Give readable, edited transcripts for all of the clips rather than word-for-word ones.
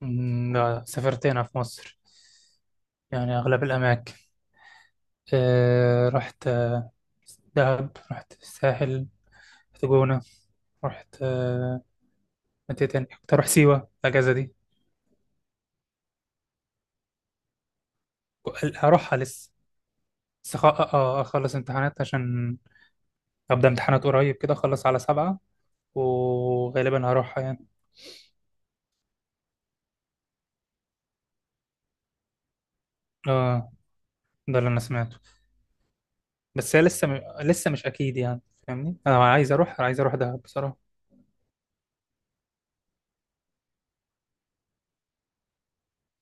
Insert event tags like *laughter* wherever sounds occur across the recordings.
مم، لا سافرت هنا في مصر. يعني أغلب الأماكن. رحت دهب، رحت الساحل، رحت جونة، رحت متى تاني كنت أروح سيوة الأجازة دي. هروحها لسه. بس أخلص امتحانات عشان أبدأ امتحانات قريب كده، أخلص على 7، وغالبا هروحها يعني. آه، ده اللي أنا سمعته. بس هي لسه مش أكيد يعني، فاهمني. أنا عايز أروح دهب بصراحة.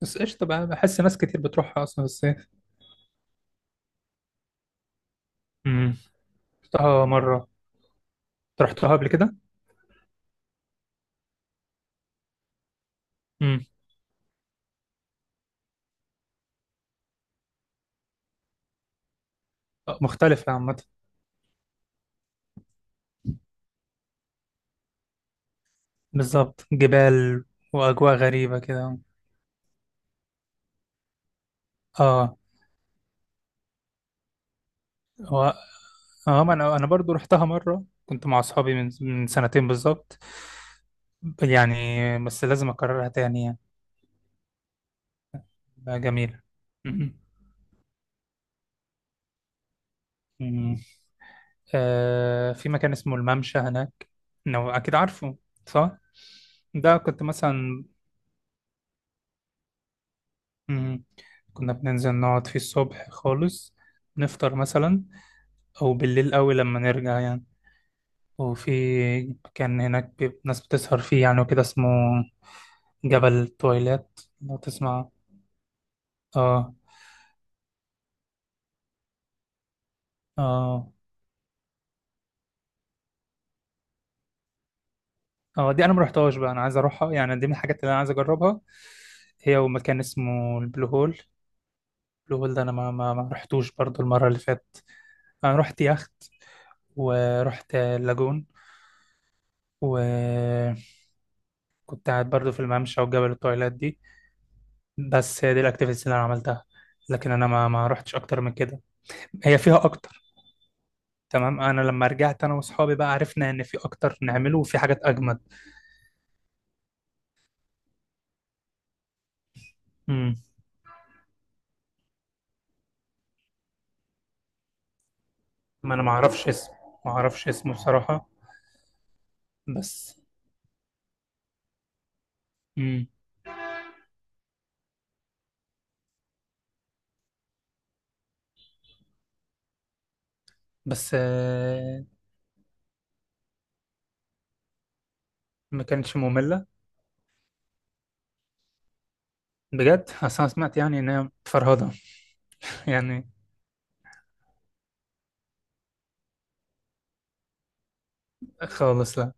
بس قشطة بقى، بحس ناس كتير بتروحها أصلا بس. امم، رحتها مرة. أنت رحتها قبل كده. امم. مختلفة عامة. بالظبط، جبال وأجواء غريبة كده. اه. هو، اه ما انا برضو رحتها مرة، كنت مع اصحابي من سنتين بالظبط يعني. بس لازم اكررها تاني يعني، بقى جميلة. مم. مم. آه، في مكان اسمه الممشى هناك، لو اكيد عارفه، صح؟ ده كنت مثلا. مم. كنا بننزل نقعد فيه الصبح خالص، نفطر مثلا، او بالليل قوي لما نرجع يعني. وفي، كان هناك ناس بتسهر فيه يعني وكده. اسمه جبل تويلات، لو تسمع. اه. اه. اه، دي انا ما رحتهاش بقى، انا عايز اروحها يعني، دي من الحاجات اللي انا عايز اجربها، هي ومكان اسمه البلو هول. البلو هول ده انا ما رحتوش برضو المره اللي فاتت. انا رحت يخت، ورحت اللاجون، وكنت قاعد برضو في الممشى وجبل التويلات دي. بس هي دي الاكتيفيتيز اللي انا عملتها، لكن انا ما رحتش اكتر من كده، هي فيها اكتر. تمام، انا لما رجعت انا واصحابي بقى، عرفنا ان في اكتر نعمله وفي حاجات اجمد. امم. ما انا ما اعرفش اسمه. ما اعرفش اسمه بصراحة. بس. امم. بس ما كانتش مملة، بجد. أصل انا سمعت يعني ان هي فرهضة. *laughs* يعني خالص لا.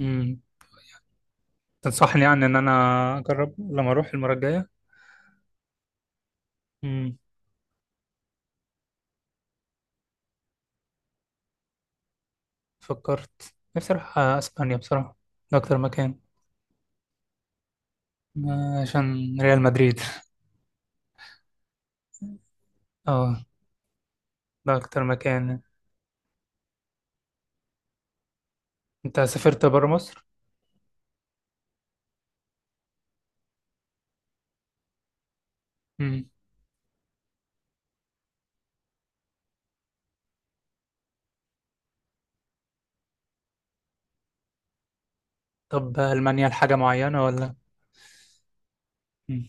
امم. تنصحني يعني ان انا اجرب لما اروح المرة الجاية. امم. فكرت نفسي اروح اسبانيا بصراحة، ده اكتر مكان، عشان ريال مدريد. *laughs* اه، ده اكتر مكان. انت سافرت بره مصر؟ مم. طب ألمانيا لحاجة معينة ولا؟ مم.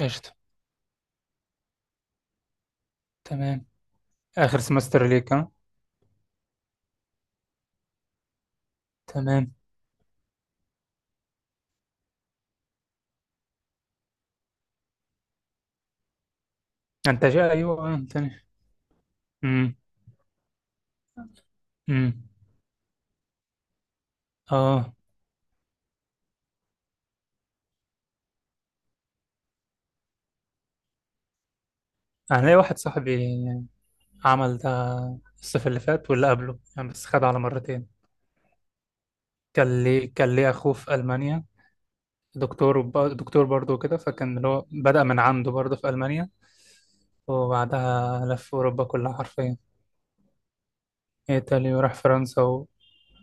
قشطة، تمام. آخر سمستر ليك، ها؟ تمام. أنت جاي أيوه تاني؟ مم. مم. آه، أنا ليا واحد صاحبي عمل ده الصيف اللي فات واللي قبله يعني، بس خد على مرتين. كان ليه أخوه في ألمانيا، دكتور دكتور برضه كده، فكان اللي هو بدأ من عنده برضه في ألمانيا، وبعدها لف أوروبا كلها حرفيا، إيطاليا، وراح فرنسا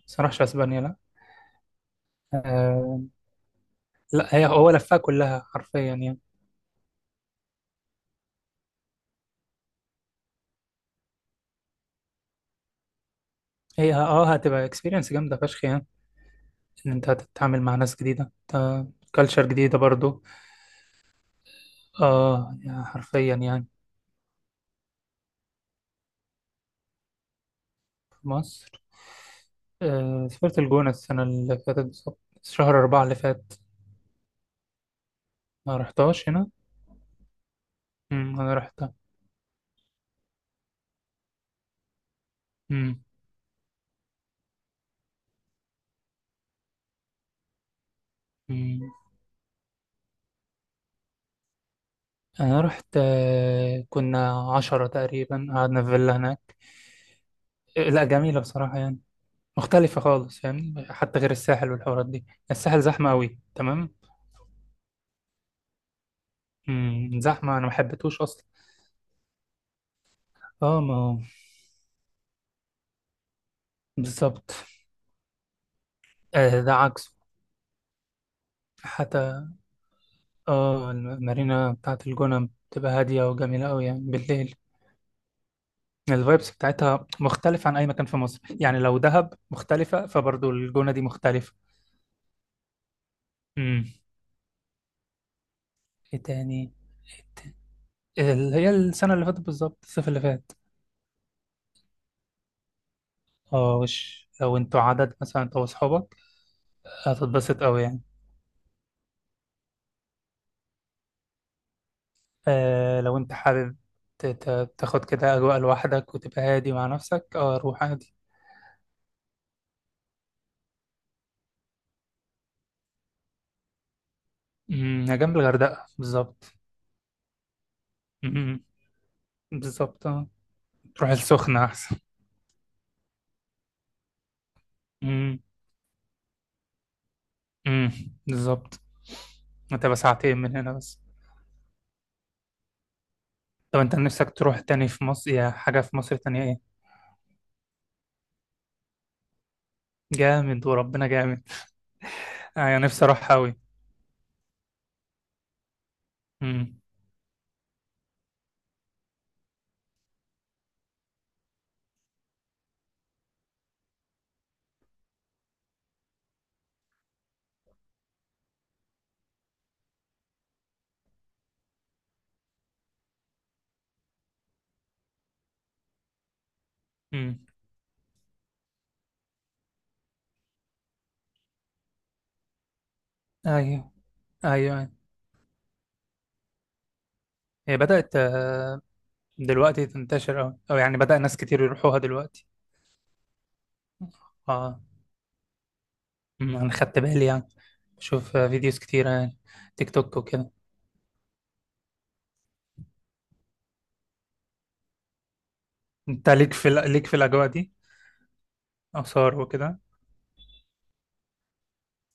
بس ما راحش أسبانيا لأ. آه، لا، هي هو لفها كلها حرفيا يعني. هي هتبقى اكسبيرينس جامده فشخ يعني، ان انت هتتعامل مع ناس جديده، كلتشر جديده برضو. اه، يعني حرفيا يعني. في مصر. آه، سافرت الجونه السنه اللي فاتت بالظبط، شهر 4 اللي فات. ما رحتهاش هنا. أمم، انا رحت. أمم. أمم. انا رحت، كنا 10 تقريبا، قعدنا في فيلا هناك. آه، لا، جميله بصراحه يعني. مختلفه خالص يعني، حتى غير الساحل والحوارات دي، الساحل زحمه قوي، تمام. امم، زحمة، أنا ما حبيتهوش أصلا. اه، ما هو بالظبط. آه، ده عكسه حتى. اه، المارينا بتاعت الجونة بتبقى هادية وجميلة أوي يعني بالليل. الفايبس بتاعتها مختلفة عن أي مكان في مصر يعني، لو دهب مختلفة فبرضو الجونة دي مختلفة. امم. ايه تاني؟ إيه تاني؟ اللي هي السنة اللي فاتت بالظبط، الصيف اللي فات. اه، وش لو انتوا عدد، مثلا انت واصحابك، هتتبسط أوي يعني. آه، لو انت حابب تاخد كده اجواء لوحدك وتبقى هادي مع نفسك، اه، روح عادي. امم. هي جنب الغردقه بالظبط. امم، بالظبط اه. تروح السخنه احسن. امم. امم، بالظبط. هتبقى ساعتين من هنا بس. طب انت نفسك تروح تاني في مصر، يا حاجه في مصر تانية، ايه؟ جامد، وربنا جامد. انا نفسي اروح قوي. امم. امم. ايوه. ايوه، أيوة. هي بدات دلوقتي تنتشر أوي، أو يعني بدأ ناس كتير يروحوها دلوقتي. اه. أمم، انا خدت بالي يعني، بشوف فيديوز كتيرة يعني، تيك توك وكده. انت ليك ليك في الاجواء دي، اثار وكده؟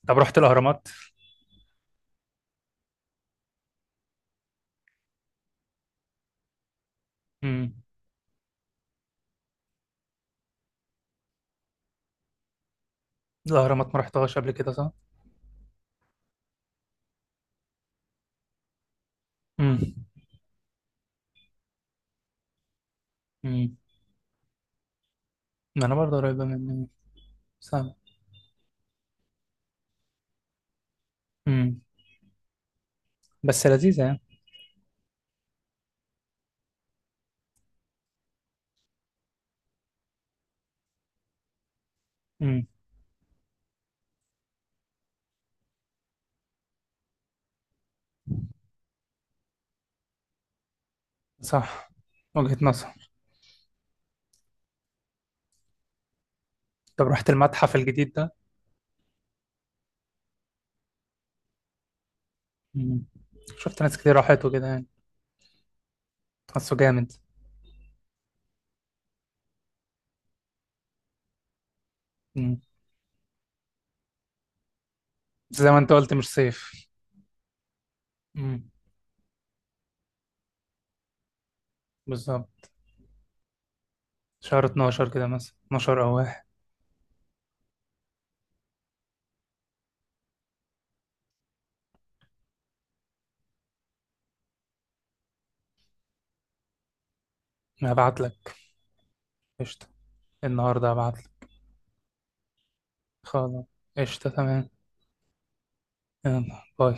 طب رحت الاهرامات؟ امم. الاهرامات ما رحتهاش قبل كده، صح؟ امم. امم، ما انا برضه قريبة مني يعني. صح. امم. بس لذيذة يعني. امم. صح، وجهة نظر. طب رحت المتحف الجديد ده؟ امم. شفت ناس كتير راحت وكده يعني، حاسه جامد. امم. بس زي ما انت قلت مش صيف. امم، بالظبط، شهر 12 كده مثلا، 12 او واحد. هبعت لك. قشطة. النهارده هبعتلك. خلاص. قشطة، تمام. يلا باي.